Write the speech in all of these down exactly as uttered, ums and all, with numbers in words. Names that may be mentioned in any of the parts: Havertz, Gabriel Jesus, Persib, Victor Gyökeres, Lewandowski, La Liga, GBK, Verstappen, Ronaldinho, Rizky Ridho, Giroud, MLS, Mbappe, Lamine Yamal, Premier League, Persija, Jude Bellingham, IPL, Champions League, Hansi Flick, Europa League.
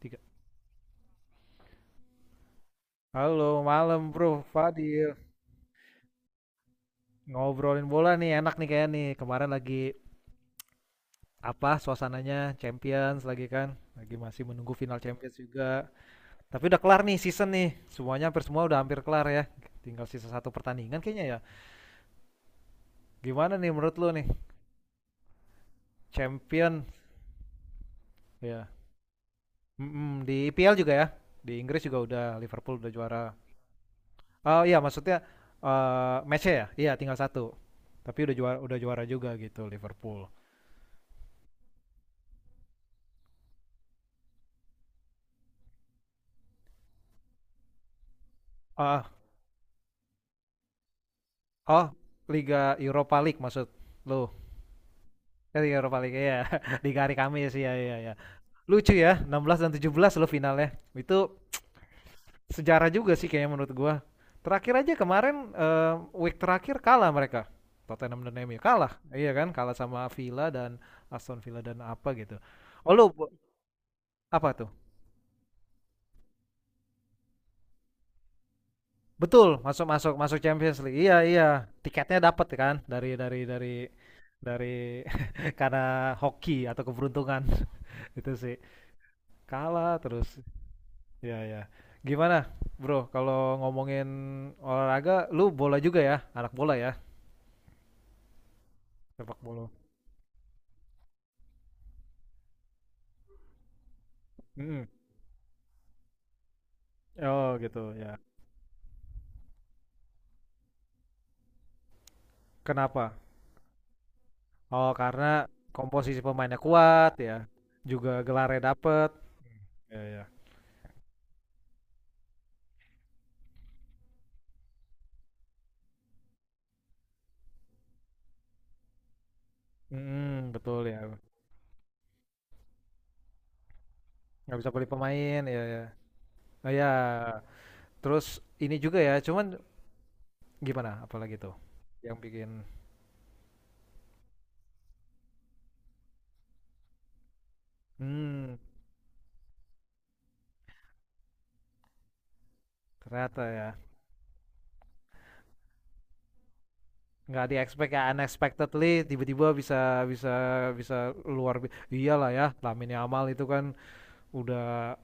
Tiga. Halo, malam Bro Fadil. Ngobrolin bola nih, enak nih kayaknya nih. Kemarin lagi apa suasananya Champions lagi kan? Lagi masih menunggu final Champions juga. Tapi udah kelar nih season nih. Semuanya hampir semua udah hampir kelar ya. Tinggal sisa satu pertandingan kayaknya ya. Gimana nih menurut lo nih? Champion ya. Mm-mm, di I P L juga ya. Di Inggris juga udah Liverpool udah juara. Oh iya, maksudnya eh match ya? Iya, tinggal satu. Tapi udah juara udah juara juga gitu Liverpool. Ah. Oh, Liga Europa League maksud lu. Eh, Liga Europa League ya. Liga hari Kamis, ya ya ya. Lucu ya, enam belas dan tujuh belas lo finalnya. Itu sejarah juga sih kayaknya menurut gua. Terakhir aja kemarin eh, week terakhir kalah mereka. Tottenham dan M U kalah. Iya kan? Kalah sama Villa dan Aston Villa dan apa gitu. Oh lu bu- apa tuh? Betul, masuk masuk masuk Champions League. Iya iya, tiketnya dapat kan dari dari dari dari karena hoki atau keberuntungan itu sih. Kalah terus. Ya ya. Gimana, Bro? Kalau ngomongin olahraga, lu bola juga ya? Anak bola ya? Sepak bola. Mhm. Oh, gitu ya. Kenapa? Oh, karena komposisi pemainnya kuat ya. Juga gelarnya dapet. Ya ya. Mhm, betul ya. Nggak bisa beli pemain, ya ya. Oh ya, terus ini juga ya, cuman gimana apalagi tuh yang bikin hmm, ternyata ya. Nggak di expect ya, unexpectedly tiba-tiba bisa bisa bisa luar bi- iyalah ya Lamine Yamal itu kan udah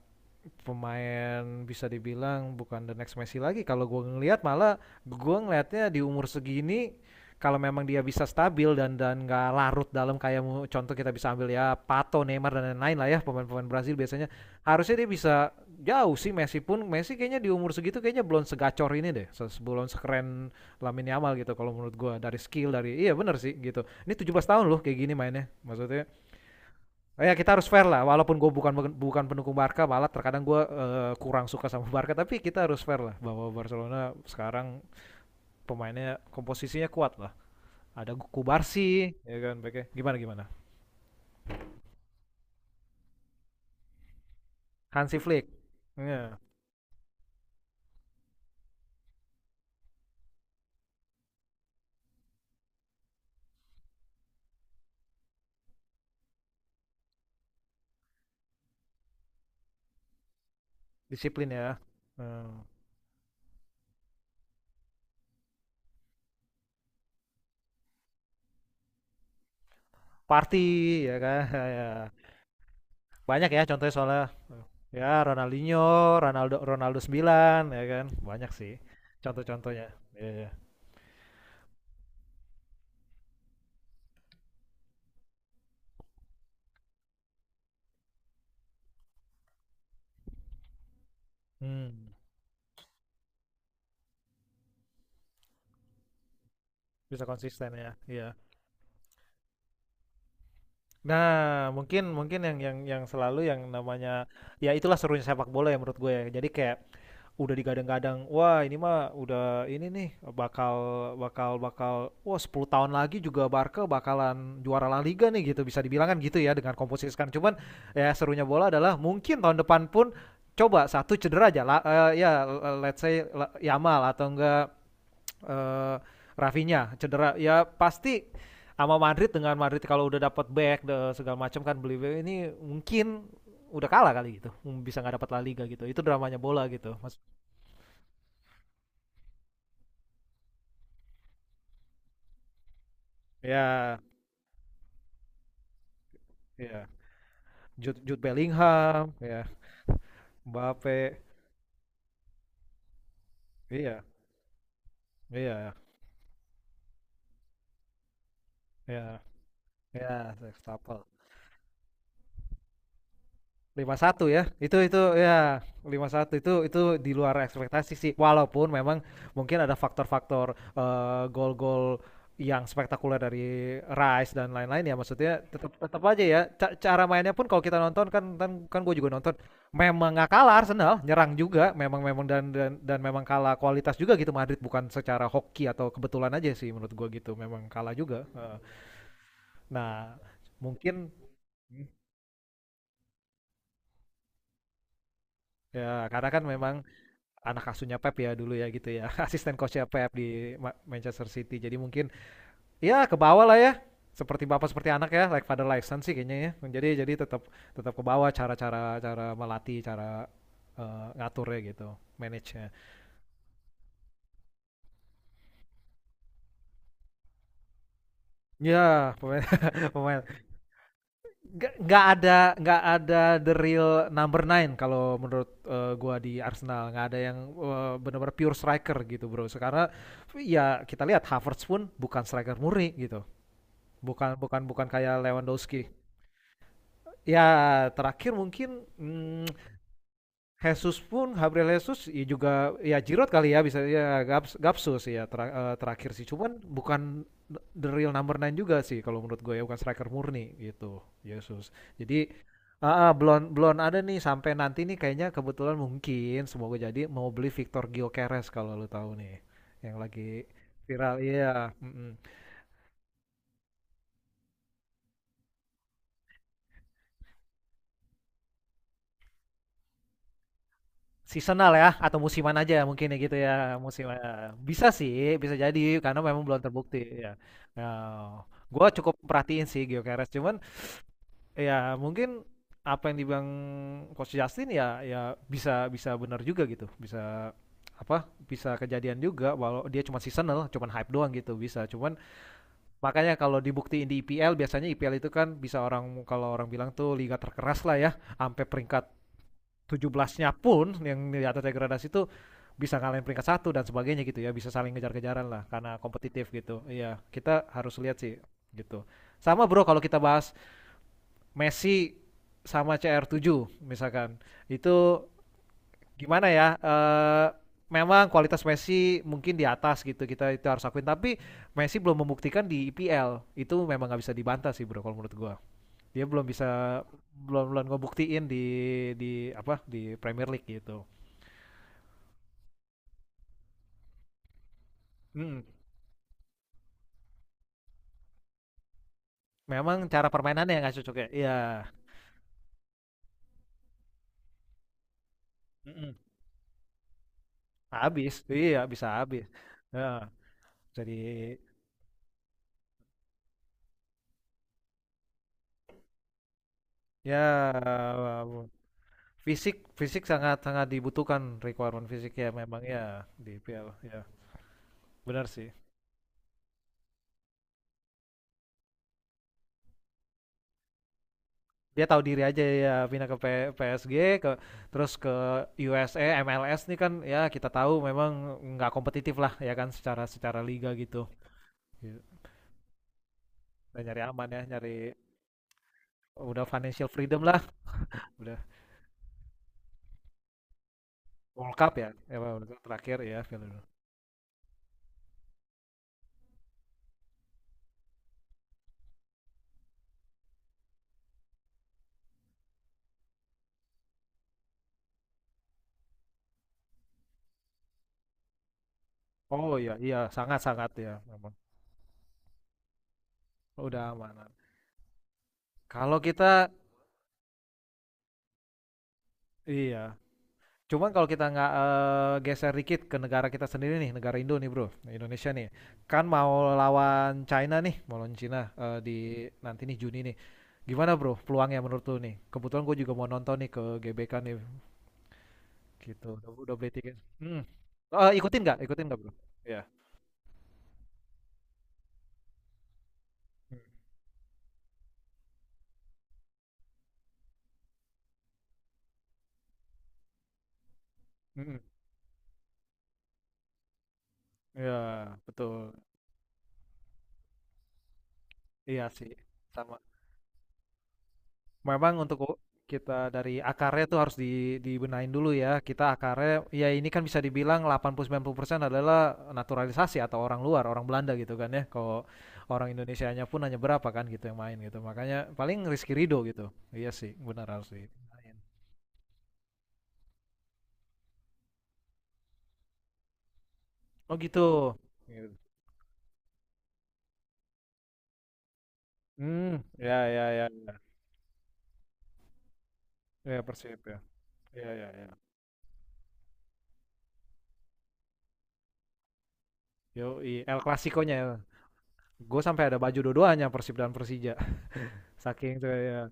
pemain bisa dibilang bukan the next Messi lagi. Kalau gue ngelihat malah gue ngelihatnya di umur segini kalau memang dia bisa stabil dan dan nggak larut dalam kayak contoh kita bisa ambil ya Pato, Neymar dan lain-lain lah ya pemain-pemain Brazil biasanya harusnya dia bisa jauh sih. Messi pun Messi kayaknya di umur segitu kayaknya belum segacor ini deh sebelum sekeren Lamine Yamal gitu kalau menurut gue, dari skill dari iya benar sih gitu ini tujuh belas tahun loh kayak gini mainnya maksudnya. Eh, ya kita harus fair lah, walaupun gue bukan bukan pendukung Barca, malah terkadang gue eh, kurang suka sama Barca, tapi kita harus fair lah bahwa Barcelona sekarang pemainnya komposisinya kuat lah. Ada Kubarsi, ya kan, pakai gimana gimana. Hansi Flick, ya, disiplin ya. Hmm. Party, ya kan, ya. Banyak ya contohnya soalnya ya Ronaldinho, Ronaldo Ronaldo sembilan, ya kan, banyak sih contoh-contohnya. Iya, iya. Hmm, bisa konsisten ya. Iya. Nah, mungkin mungkin yang yang yang selalu yang namanya ya itulah serunya sepak bola ya menurut gue ya. Jadi kayak udah digadang-gadang, wah ini mah udah ini nih bakal bakal bakal wah sepuluh tahun lagi juga Barca bakalan juara La Liga nih gitu bisa dibilang kan gitu ya dengan komposisi sekarang. Cuman ya serunya bola adalah mungkin tahun depan pun coba satu cedera aja lah eh, ya let's say La- Yamal atau enggak eh Rafinya cedera ya pasti sama Madrid dengan Madrid kalau udah dapat back segala macam kan beli ini mungkin udah kalah kali gitu. Hmm, bisa nggak dapat La Liga gitu itu dramanya bola gitu mas. Ya ya Jude, Jude Bellingham ya Mbappe, iya iya ya ya Verstappen lima satu ya. Itu itu ya lima satu itu itu di luar ekspektasi sih. Walaupun memang mungkin ada faktor-faktor eh, gol-gol yang spektakuler dari Rice dan lain-lain ya maksudnya tetap tetap aja ya. Ca- cara mainnya pun kalau kita nonton kan kan kan gue juga nonton memang nggak kalah. Arsenal nyerang juga memang memang dan dan dan memang kalah kualitas juga gitu Madrid bukan secara hoki atau kebetulan aja sih menurut gue gitu, memang kalah juga. Heeh. Nah mungkin ya karena kan memang anak asuhnya Pep ya dulu ya gitu ya asisten coachnya Pep di Manchester City jadi mungkin ya ke bawah lah ya seperti bapak seperti anak ya like father like son sih kayaknya ya jadi jadi tetap tetap ke bawah cara-cara cara melatih cara eh, ngaturnya gitu, manage nya ya pemain pemain nggak ada nggak ada the real number nine kalau menurut eh, gua, di Arsenal nggak ada yang eh, benar-benar pure striker gitu bro sekarang ya kita lihat Havertz pun bukan striker murni gitu. Bukan bukan bukan kayak Lewandowski. Ya, terakhir mungkin mm, Jesus pun Gabriel Jesus ya juga ya Giroud kali ya bisa ya Gaps, Gapsus ya tera- eh, terakhir sih. Cuman bukan the real number nine juga sih kalau menurut gue ya bukan striker murni gitu. Yesus. Jadi ah, ah, belum belum ada nih sampai nanti nih kayaknya kebetulan mungkin semoga jadi mau beli Victor Gyökeres kalau lu tahu nih yang lagi viral iya mm-mm. Seasonal ya atau musiman aja mungkin ya gitu ya, musiman. Bisa sih, bisa jadi karena memang belum terbukti ya. Ya, gua cukup perhatiin sih GeoCares cuman ya mungkin apa yang dibilang Coach Justin ya ya bisa bisa benar juga gitu. Bisa apa bisa kejadian juga walau dia cuma seasonal cuman hype doang gitu bisa cuman makanya kalau dibuktiin di I P L, biasanya I P L itu kan bisa orang kalau orang bilang tuh liga terkeras lah ya sampai peringkat tujuh belas-nya pun yang di atas degradasi itu bisa ngalahin peringkat satu dan sebagainya gitu ya bisa saling ngejar-kejaran lah karena kompetitif gitu iya kita harus lihat sih gitu. Sama bro, kalau kita bahas Messi sama C R tujuh misalkan itu gimana ya eh memang kualitas Messi mungkin di atas gitu kita itu harus akuin tapi Messi belum membuktikan di I P L itu memang nggak bisa dibantah sih bro kalau menurut gua dia belum bisa belum belum ngebuktiin di di apa di Premier League gitu. Mhm, memang cara permainannya yang nggak cocok ya? Iya, mhm, habis, iya bisa habis, heeh, jadi ya wow. Fisik fisik sangat sangat dibutuhkan requirement fisik ya memang ya di P L ya, benar sih. Dia tahu diri aja ya pindah ke P PSG ke terus ke U S A M L S nih kan ya kita tahu memang nggak kompetitif lah ya kan secara secara liga gitu, iya, udah nyari aman ya nyari udah financial freedom lah, udah World Cup ya? Ya, World Cup terakhir ya Piala. Oh iya, iya sangat-sangat ya memang. Udah amanat. Kalau kita iya, cuman kalau kita nggak eh, geser dikit ke negara kita sendiri nih, negara Indo nih bro, Indonesia nih, kan mau lawan China nih, mau lawan China eh, di nanti nih Juni nih. Gimana bro, peluangnya menurut lu nih? Kebetulan gue juga mau nonton nih ke G B K nih, gitu. Udah, udah beli tiket. Hmm. Eh, ikutin nggak? Ikutin nggak bro? Iya. Hmm. Mm-mm. Iya, betul. Iya sih, sama. Memang untuk kita dari akarnya tuh harus di, dibenahin dulu ya. Kita akarnya ya ini kan bisa dibilang delapan puluh sampai sembilan puluh persen adalah naturalisasi atau orang luar, orang Belanda gitu kan ya. Kalau orang Indonesianya pun hanya berapa kan gitu yang main gitu. Makanya paling Rizky Ridho gitu. Iya sih, benar harus dibenahin. Oh gitu. Gitu. Hmm, ya ya ya ya. Ya Persib ya. Ya ya ya. Yo, El Clasico-nya. Gue sampai ada baju dua-duanya Persib dan Persija. Saking itu ya.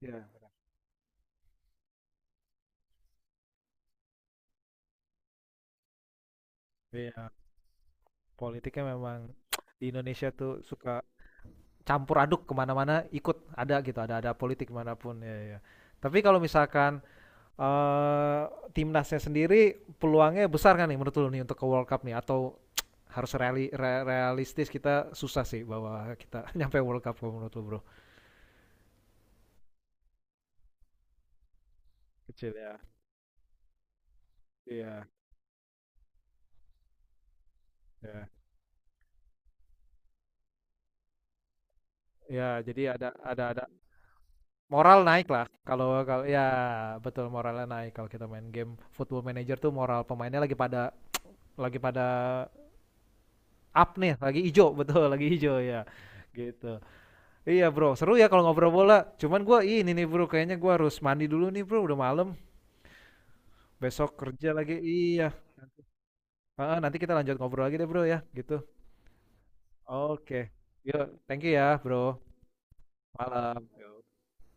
Ya. Iya. Politiknya memang di Indonesia tuh suka campur aduk kemana-mana ikut ada gitu ada ada politik manapun ya ya. Tapi kalau misalkan eh, timnasnya sendiri peluangnya besar kan nih menurut lu nih untuk ke World Cup nih atau harus reali- re- realistis kita susah sih bahwa kita nyampe World Cup kalau menurut lu bro. Kecil ya, iya ya. Ya, jadi ada ada ada moral naik lah. Kalau kalau ya betul moralnya naik kalau kita main game Football Manager tuh moral pemainnya lagi pada lagi pada up nih lagi hijau betul lagi hijau ya gitu iya bro seru ya kalau ngobrol bola cuman gua ini nih bro kayaknya gua harus mandi dulu nih bro udah malam besok kerja lagi iya. Heeh, nanti kita lanjut ngobrol lagi deh bro ya gitu oke yuk thank you ya bro malam Yo.